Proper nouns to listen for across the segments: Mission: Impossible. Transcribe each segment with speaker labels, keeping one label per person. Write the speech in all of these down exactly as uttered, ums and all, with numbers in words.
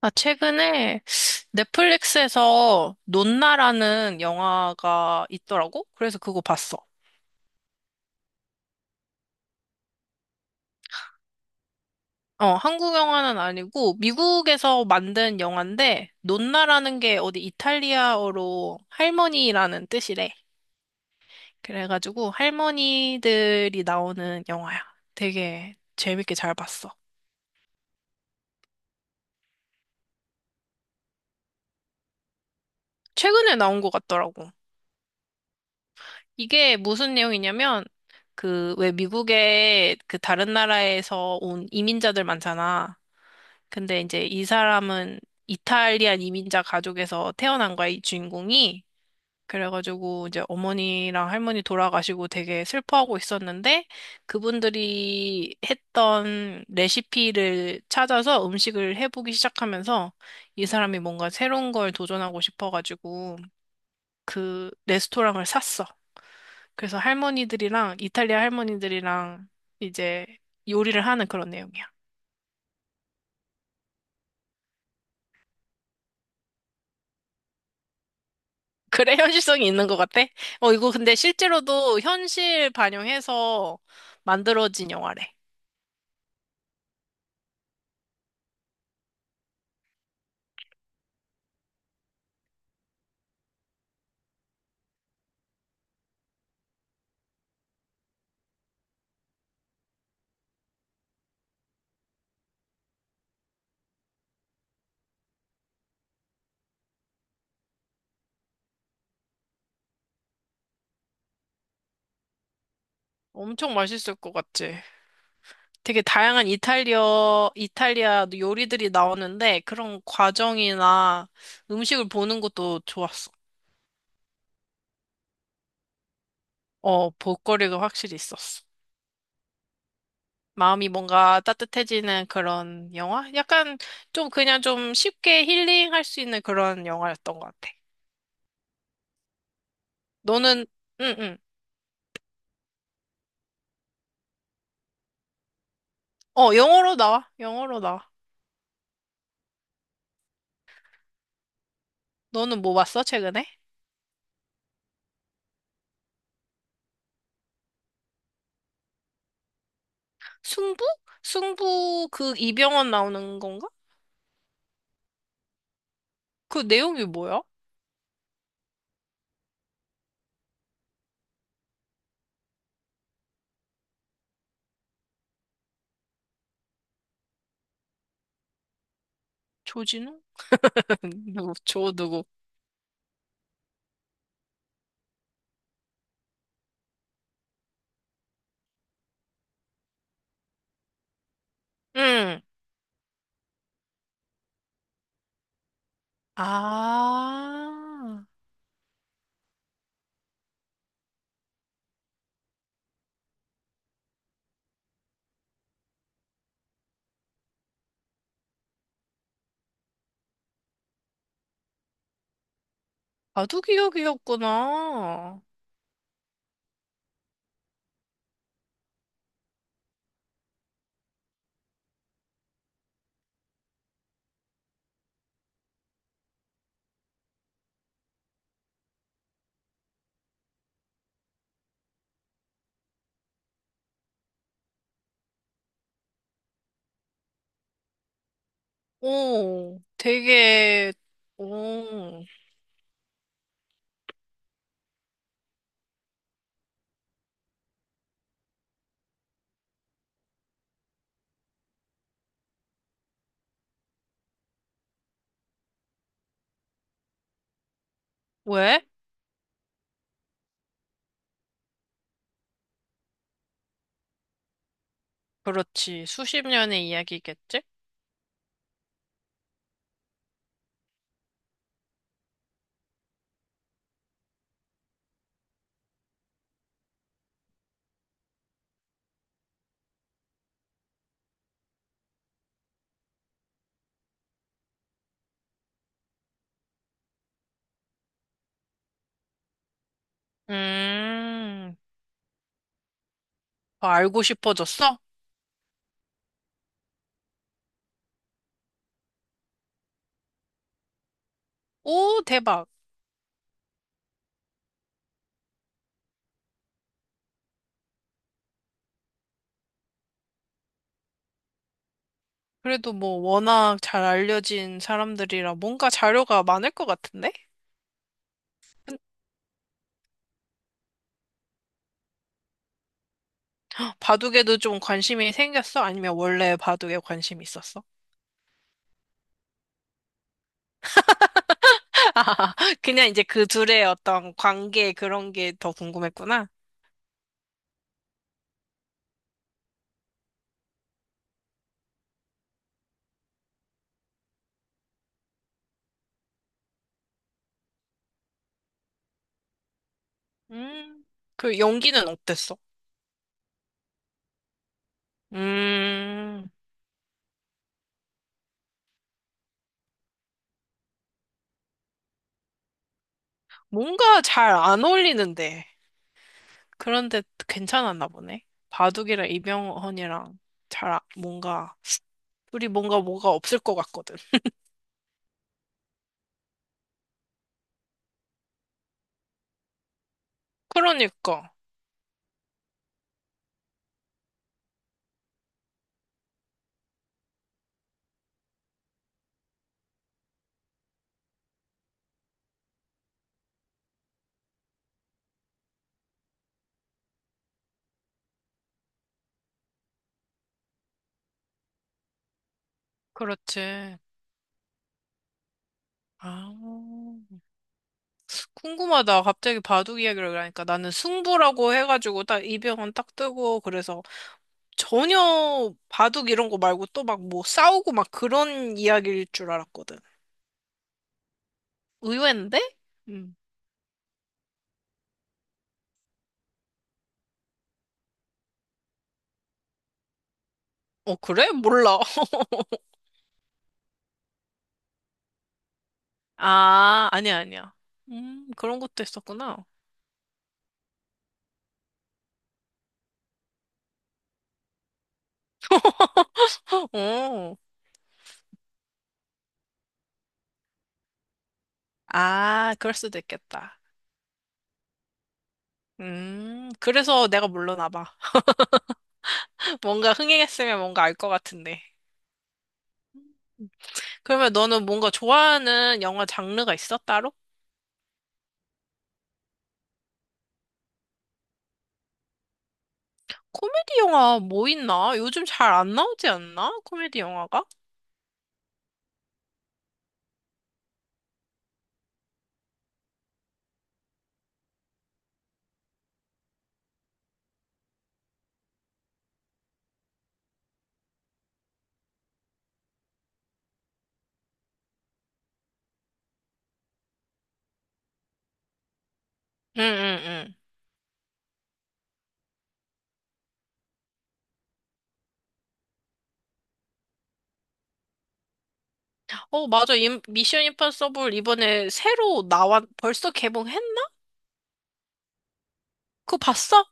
Speaker 1: 아, 최근에 넷플릭스에서 논나라는 영화가 있더라고? 그래서 그거 봤어. 어, 한국 영화는 아니고 미국에서 만든 영화인데 논나라는 게 어디 이탈리아어로 할머니라는 뜻이래. 그래가지고 할머니들이 나오는 영화야. 되게 재밌게 잘 봤어. 최근에 나온 것 같더라고. 이게 무슨 내용이냐면 그 왜 미국에 그 다른 나라에서 온 이민자들 많잖아. 근데 이제 이 사람은 이탈리안 이민자 가족에서 태어난 거야, 이 주인공이. 그래가지고 이제 어머니랑 할머니 돌아가시고 되게 슬퍼하고 있었는데 그분들이 했던 레시피를 찾아서 음식을 해보기 시작하면서 이 사람이 뭔가 새로운 걸 도전하고 싶어가지고 그 레스토랑을 샀어. 그래서 할머니들이랑 이탈리아 할머니들이랑 이제 요리를 하는 그런 내용이야. 그래, 현실성이 있는 것 같아? 어, 이거 근데 실제로도 현실 반영해서 만들어진 영화래. 엄청 맛있을 것 같지? 되게 다양한 이탈리아, 이탈리아 요리들이 나오는데 그런 과정이나 음식을 보는 것도 좋았어. 어, 볼거리가 확실히 있었어. 마음이 뭔가 따뜻해지는 그런 영화? 약간 좀 그냥 좀 쉽게 힐링할 수 있는 그런 영화였던 것 같아. 너는, 응, 응. 어, 영어로 나와. 영어로 나와. 너는 뭐 봤어, 최근에? 승부? 승부 그 이병헌 나오는 건가? 그 내용이 뭐야? 조진우? 누구? 조 누구? 응. 아, 바둑이야기였구나. 오, 되게, 오, 왜? 그렇지. 수십 년의 이야기겠지? 음, 더 알고 싶어졌어? 오, 대박. 그래도 뭐 워낙 잘 알려진 사람들이라 뭔가 자료가 많을 것 같은데? 바둑에도 좀 관심이 생겼어? 아니면 원래 바둑에 관심이 있었어? 그냥 이제 그 둘의 어떤 관계 그런 게 더 궁금했구나. 음, 그 연기는 어땠어? 음, 뭔가 잘 안 어울리는데. 그런데 괜찮았나 보네. 바둑이랑 이병헌이랑 잘, 아- 뭔가, 둘이 뭔가 뭐가 없을 것 같거든. 그러니까. 그렇지. 아. 궁금하다. 갑자기 바둑 이야기를 하니까 나는 승부라고 해가지고 딱 이병헌 딱 뜨고 그래서 전혀 바둑 이런 거 말고 또 막 뭐 싸우고 막 그런 이야기일 줄 알았거든. 의외인데? 음. 어, 그래? 몰라. 아, 아니야, 아니야. 음, 그런 것도 있었구나. 어. 아, 그럴 수도 있겠다. 음, 그래서 내가 몰랐나 봐. 뭔가 흥행했으면 뭔가 알 것 같은데. 그러면 너는 뭔가 좋아하는 영화 장르가 있어, 따로? 코미디 영화 뭐 있나? 요즘 잘 안 나오지 않나? 코미디 영화가? 응응응. 어, 맞아. 임- 미션 임파서블 이번에 새로 나왔, 벌써 개봉했나? 그거 봤어?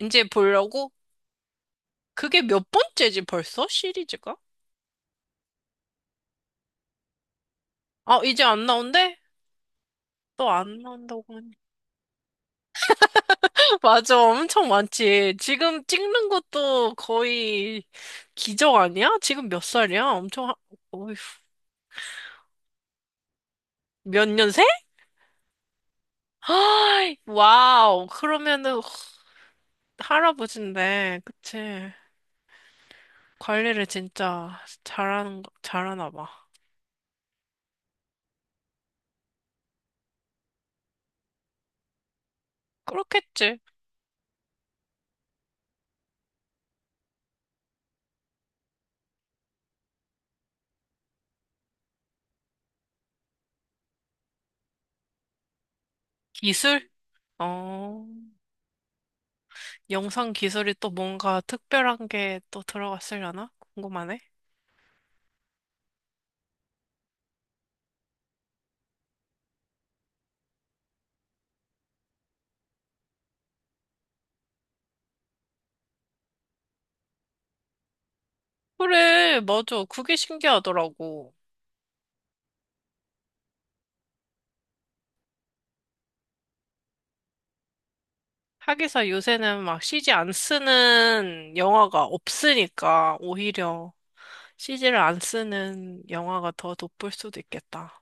Speaker 1: 이제 보려고? 그게 몇 번째지 벌써? 시리즈가? 아, 이제 안 나온대? 또 안 나온다고 하니. 맞아. 엄청 많지. 지금 찍는 것도 거의 기적 아니야? 지금 몇 살이야? 엄청, 하... 어휴, 몇 년생? 아, 와우. 그러면은 할아버지인데, 그치? 관리를 진짜 잘하는 거, 잘하나 봐. 그렇겠지. 기술? 어, 영상 기술이 또 뭔가 특별한 게 또 들어갔으려나? 궁금하네. 그래, 맞아. 그게 신기하더라고. 하기사 요새는 막 씨지 안 쓰는 영화가 없으니까 오히려 씨지를 안 쓰는 영화가 더 돋볼 수도 있겠다.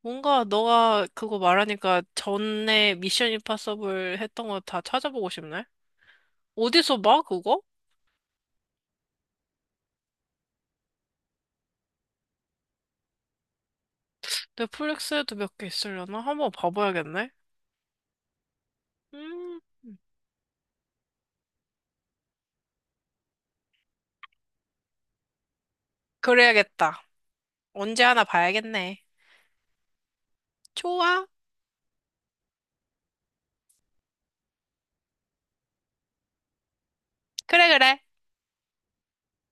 Speaker 1: 뭔가 너가 그거 말하니까 전에 미션 임파서블 했던 거 다 찾아보고 싶네? 어디서 봐, 그거? 넷플릭스에도 몇 개 있으려나? 한번 봐봐야겠네. 음, 그래야겠다. 언제 하나 봐야겠네. 좋아. 그래, 그래.